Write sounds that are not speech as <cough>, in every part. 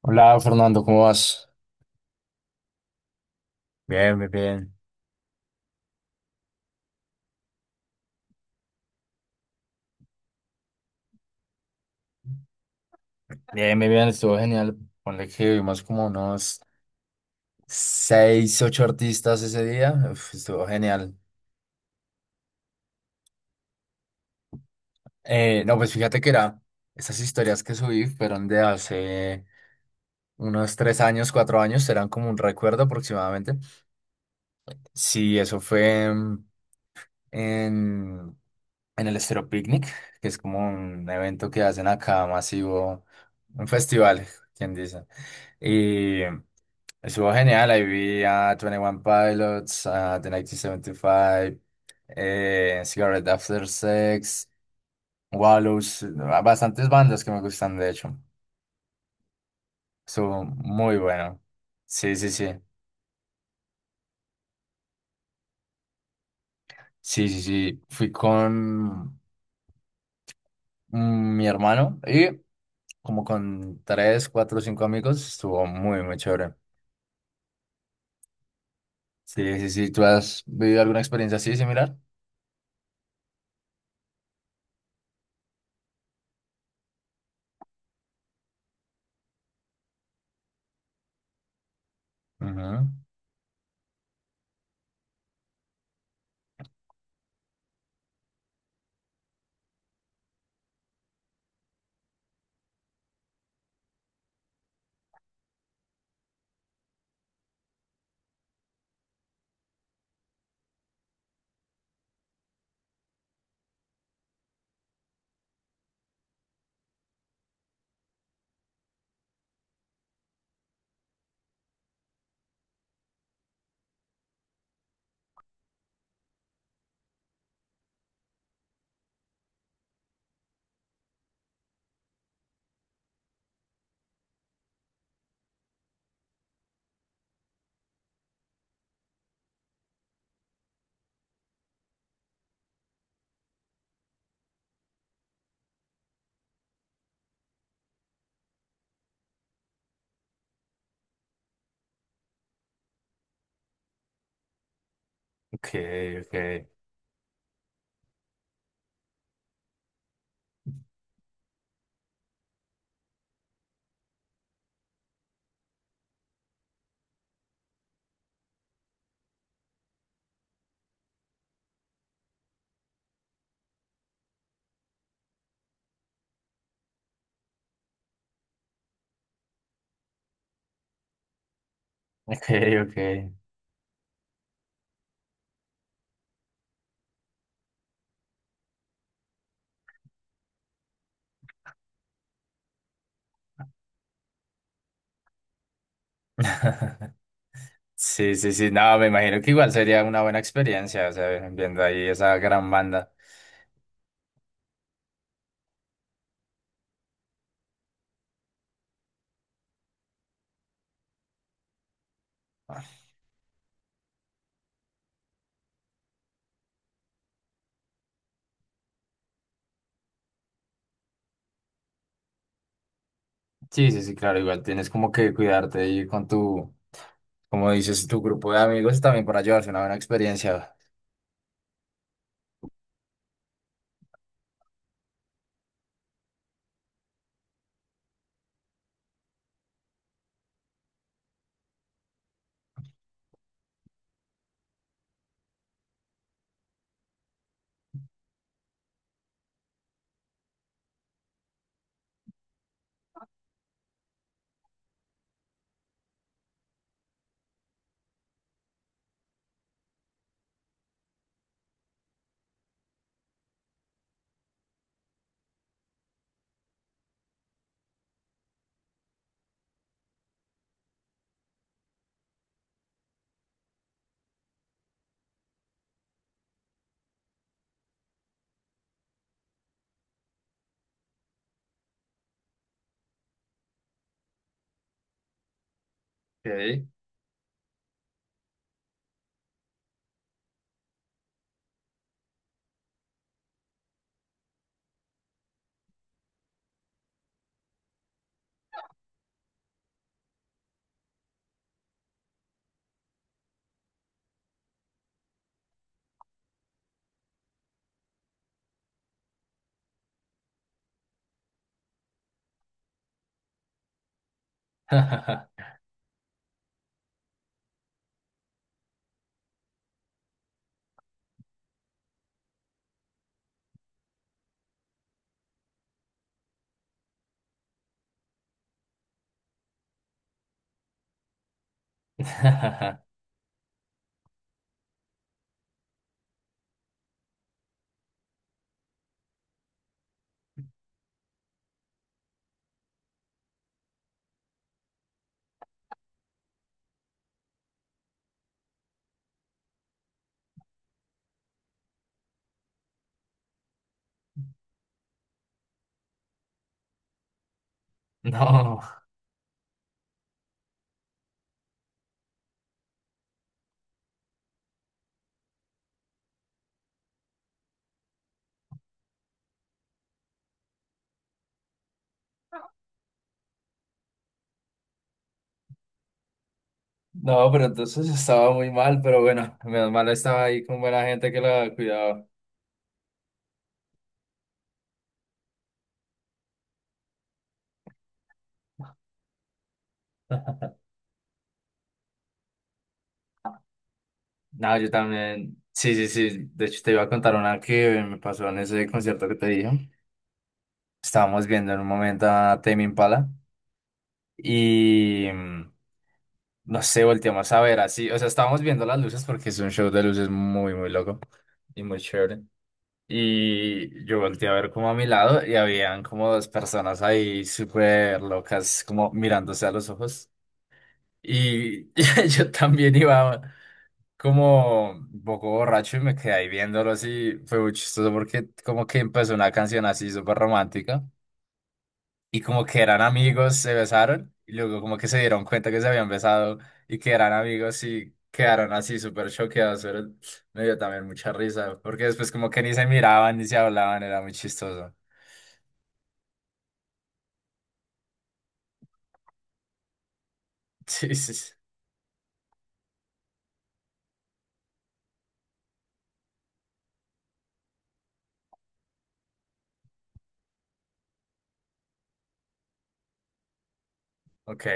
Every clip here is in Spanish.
Hola Fernando, ¿cómo vas? Bien, bien, bien. Bien, bien, bien, estuvo genial. Ponle que vimos como unos seis, ocho artistas ese día. Uf, estuvo genial. No, pues fíjate que era, esas historias que subí fueron de hace unos tres años, cuatro años, eran como un recuerdo aproximadamente. Sí, eso fue en, en en el estero Picnic, que es como un evento que hacen acá masivo, un festival, quien dice. Estuvo genial, ahí vi a 21 Pilots, a The 1975, Cigarette After Sex, Wallows, a bastantes bandas que me gustan, de hecho. Estuvo muy bueno. Sí, sí, sí. Sí, sí, sí. Fui con mi hermano y como con tres, cuatro, cinco amigos. Estuvo muy, muy chévere. Sí, sí, sí. ¿Tú has vivido alguna experiencia así similar? Ujú. Ok, ok. Ok, ok. <laughs> Sí, sí, sí, no, me imagino que igual sería una buena experiencia, o sea, viendo ahí esa gran banda. Sí, sí, sí, claro, igual tienes como que cuidarte ahí con tu, como dices, tu grupo de amigos también para llevarse una buena experiencia. Ok. <laughs> No, no, pero entonces estaba muy mal, pero bueno, menos mal estaba ahí con buena gente que la cuidaba. No, yo también, sí, sí, sí, de hecho te iba a contar una que me pasó en ese concierto que te dije. Estábamos viendo en un momento a Tame Impala. Y no sé, volteamos a ver así. O sea, estábamos viendo las luces porque es un show de luces muy, muy loco y muy chévere. Y yo volteé a ver como a mi lado y habían como dos personas ahí súper locas, como mirándose a los ojos. Y <laughs> yo también iba como un poco borracho y me quedé ahí viéndolo así. Fue muy chistoso porque como que empezó una canción así súper romántica, y como que eran amigos, se besaron y luego como que se dieron cuenta que se habían besado y que eran amigos y quedaron así súper choqueados, pero <sniffs> me dio también mucha risa, porque después como que ni se miraban ni se hablaban, era muy chistoso. <laughs> Sí, sí, sí. Ok.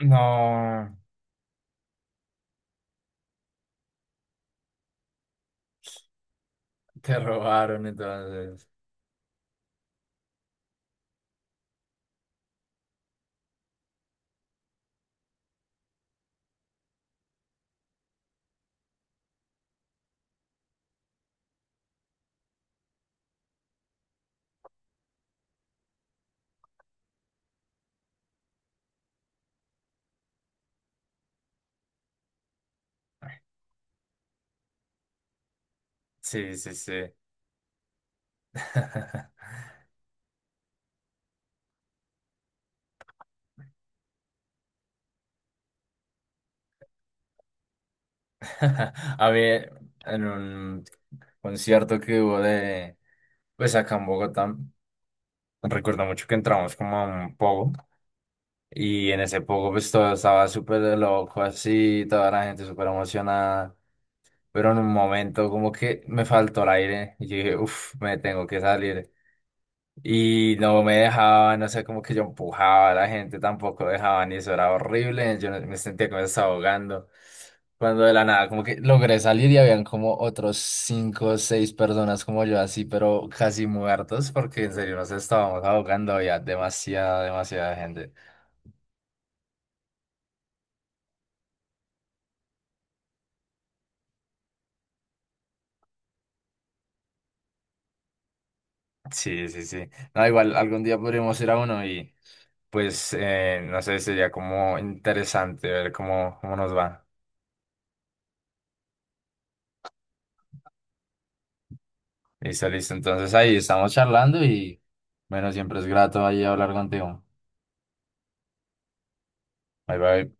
No, te robaron entonces. Sí, sí, sí. <laughs> A mí, en un concierto que hubo de, pues acá en Bogotá, recuerdo mucho que entramos como a un pogo. Y en ese poco, pues todo estaba súper loco, así, toda la gente súper emocionada. Pero en un momento, como que me faltó el aire. Y yo dije, uff, me tengo que salir. Y no me dejaba, no sé, como que yo empujaba a la gente, tampoco dejaban, y eso era horrible. Yo no- me sentía que me estaba ahogando. Cuando de la nada, como que logré salir y habían como otros cinco o seis personas como yo, así, pero casi muertos, porque en serio nos estábamos ahogando, había demasiada, demasiada gente. Sí, sí, sí. No, igual algún día podríamos ir a uno y pues no sé, sería como interesante ver cómo, cómo nos va. Listo, listo. Entonces ahí estamos charlando y bueno, siempre es grato ahí hablar contigo. Bye, bye.